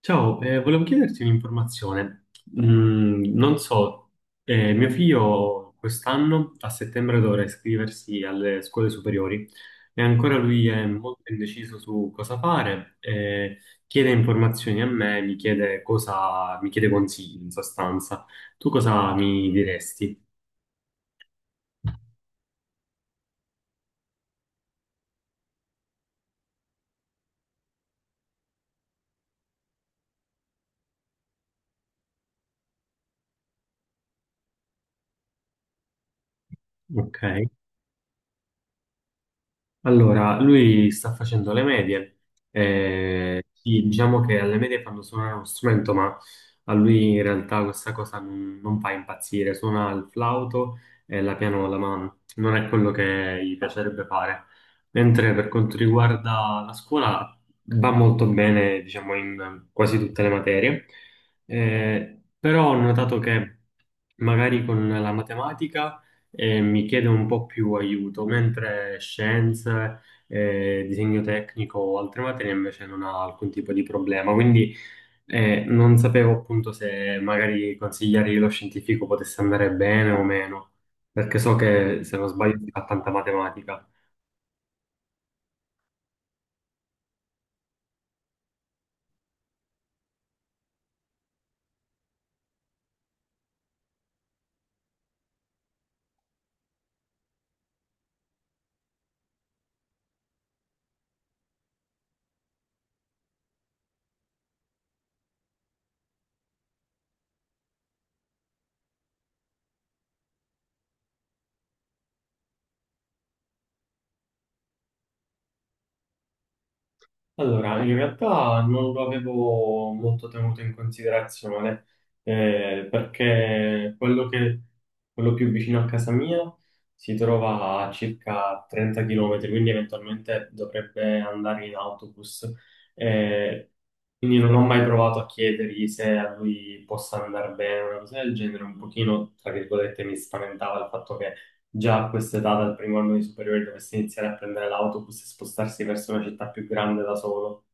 Ciao, volevo chiederti un'informazione. Non so, mio figlio quest'anno a settembre dovrà iscriversi alle scuole superiori e ancora lui è molto indeciso su cosa fare, chiede informazioni a me, mi chiede cosa, mi chiede consigli in sostanza. Tu cosa mi diresti? Ok. Allora, lui sta facendo le medie, sì, diciamo che alle medie fanno suonare uno strumento, ma a lui in realtà questa cosa non fa impazzire, suona il flauto e la pianola, ma non è quello che gli piacerebbe fare. Mentre per quanto riguarda la scuola va molto bene, diciamo, in quasi tutte le materie. Però ho notato che magari con la matematica e mi chiede un po' più aiuto, mentre scienze, disegno tecnico o altre materie invece non ha alcun tipo di problema. Quindi non sapevo appunto se magari consigliargli lo scientifico potesse andare bene o meno, perché so che se non sbaglio si fa tanta matematica. Allora, in realtà non lo avevo molto tenuto in considerazione, perché quello più vicino a casa mia si trova a circa 30 km, quindi eventualmente dovrebbe andare in autobus. Eh, quindi non ho mai provato a chiedergli se a lui possa andare bene, una cosa del genere, un pochino, tra virgolette, mi spaventava il fatto che già a questa età, dal primo anno di superiore, dovesse iniziare a prendere l'autobus e spostarsi verso una città più grande da solo.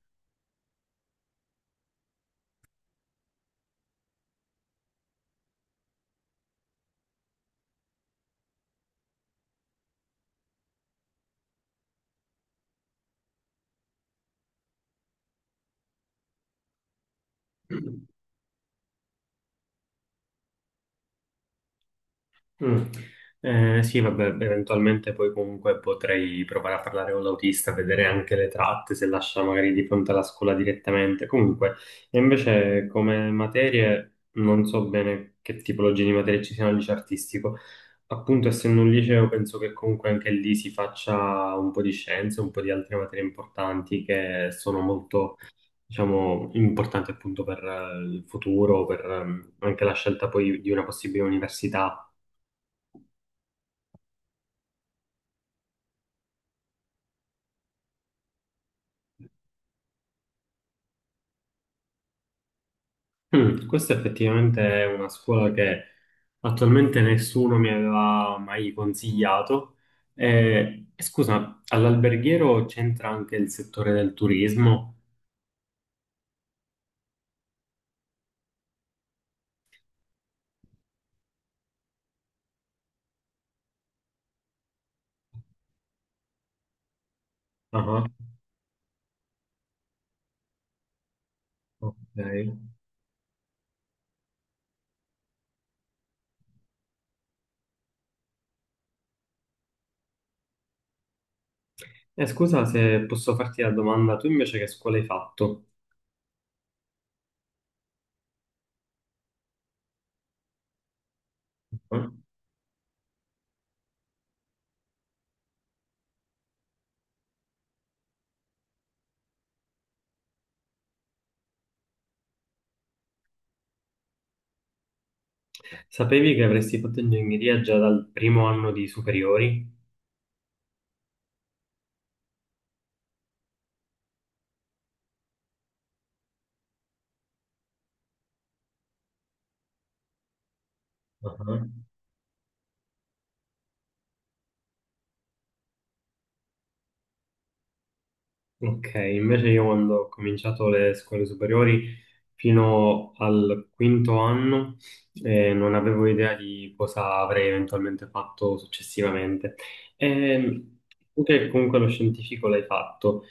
Mm. Sì, vabbè, eventualmente poi comunque potrei provare a parlare con l'autista, vedere anche le tratte, se lascia magari di fronte alla scuola direttamente. Comunque, e invece come materie non so bene che tipologie di materie ci siano al liceo artistico. Appunto, essendo un liceo, penso che comunque anche lì si faccia un po' di scienze, un po' di altre materie importanti che sono molto, diciamo, importanti appunto per il futuro, per anche la scelta poi di una possibile università. Mm, questa effettivamente è una scuola che attualmente nessuno mi aveva mai consigliato. E scusa, all'alberghiero c'entra anche il settore del turismo? Ah, ok. Scusa se posso farti la domanda, tu invece che scuola hai fatto? Ah. Sapevi che avresti fatto ingegneria già dal primo anno di superiori? Ah. Ok, invece io quando ho cominciato le scuole superiori, fino al quinto anno non avevo idea di cosa avrei eventualmente fatto successivamente. Ehm, Tu che comunque lo scientifico l'hai fatto,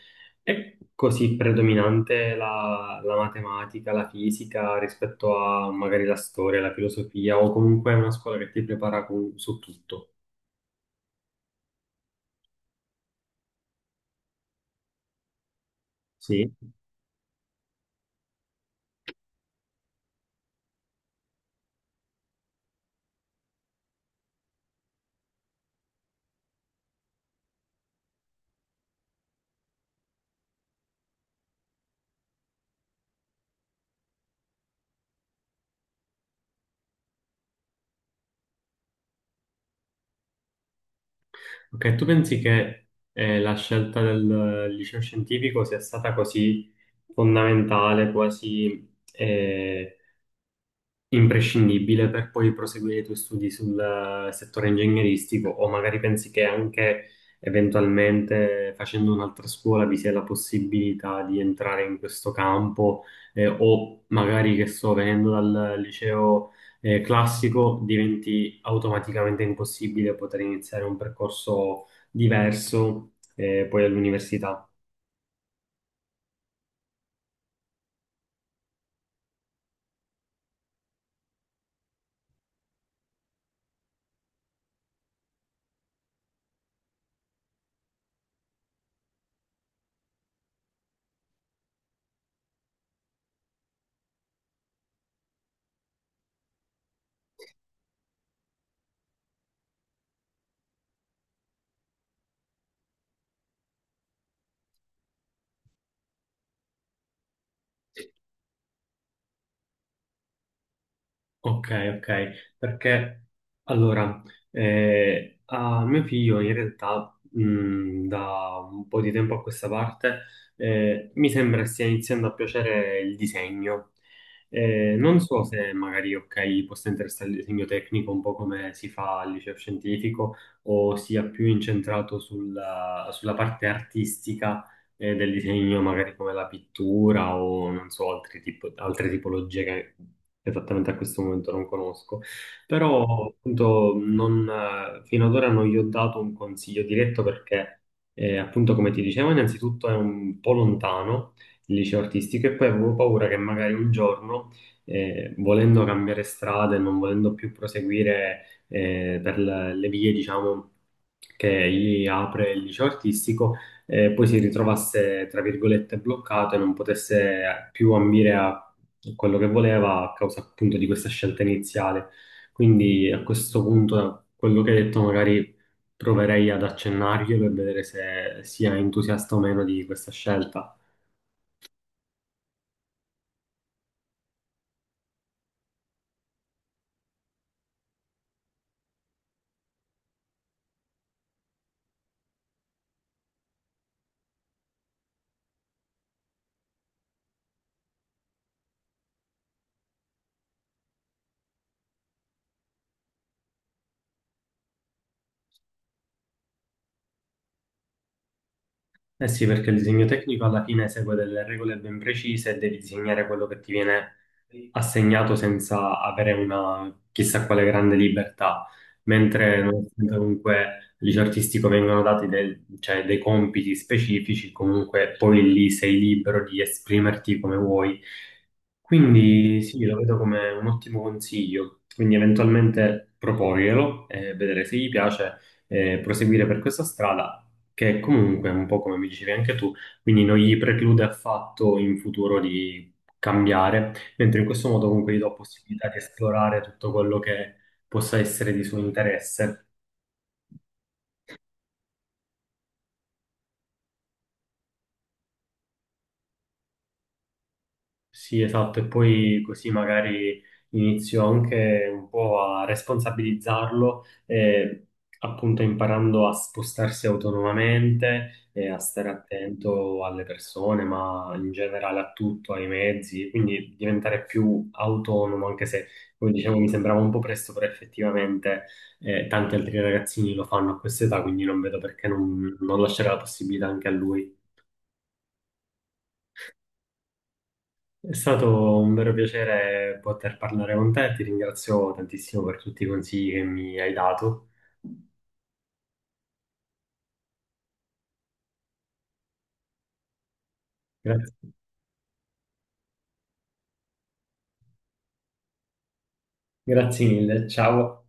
è così predominante la matematica, la fisica rispetto a magari la storia, la filosofia o comunque è una scuola che ti prepara su tutto? Sì. Ok, tu pensi che la scelta del liceo scientifico sia stata così fondamentale, quasi imprescindibile per poi proseguire i tuoi studi sul settore ingegneristico, o magari pensi che anche eventualmente facendo un'altra scuola vi sia la possibilità di entrare in questo campo, o magari che sto venendo dal liceo classico diventi automaticamente impossibile poter iniziare un percorso diverso poi all'università. Ok, ok, perché allora, a mio figlio in realtà da un po' di tempo a questa parte mi sembra stia iniziando a piacere il disegno. Non so se magari, ok, possa interessare il disegno tecnico un po' come si fa al liceo scientifico o sia più incentrato sulla parte artistica del disegno, magari come la pittura o non so, altre tipologie che esattamente a questo momento non conosco. Però appunto non, fino ad ora non gli ho dato un consiglio diretto perché appunto come ti dicevo innanzitutto è un po' lontano il liceo artistico e poi avevo paura che magari un giorno volendo cambiare strada e non volendo più proseguire per le vie, diciamo, che gli apre il liceo artistico, poi si ritrovasse, tra virgolette, bloccato e non potesse più ambire a quello che voleva a causa appunto di questa scelta iniziale. Quindi a questo punto, da quello che hai detto, magari proverei ad accennargli per vedere se sia entusiasta o meno di questa scelta. Eh sì, perché il disegno tecnico alla fine segue delle regole ben precise e devi disegnare quello che ti viene assegnato senza avere una chissà quale grande libertà. Mentre nonostante comunque gli artistico vengono dati cioè, dei compiti specifici, comunque poi lì sei libero di esprimerti come vuoi, quindi sì, lo vedo come un ottimo consiglio, quindi eventualmente proporglielo e vedere se gli piace e proseguire per questa strada che comunque, un po' come mi dicevi anche tu, quindi non gli preclude affatto in futuro di cambiare, mentre in questo modo comunque gli do possibilità di esplorare tutto quello che possa essere di suo interesse. Sì, esatto, e poi così magari inizio anche un po' a responsabilizzarlo, appunto imparando a spostarsi autonomamente e a stare attento alle persone, ma in generale a tutto, ai mezzi, quindi diventare più autonomo, anche se, come dicevo, mi sembrava un po' presto, però effettivamente tanti altri ragazzini lo fanno a questa età, quindi non vedo perché non lasciare la possibilità anche a lui. È stato un vero piacere poter parlare con te, ti ringrazio tantissimo per tutti i consigli che mi hai dato. Grazie, grazie mille, ciao.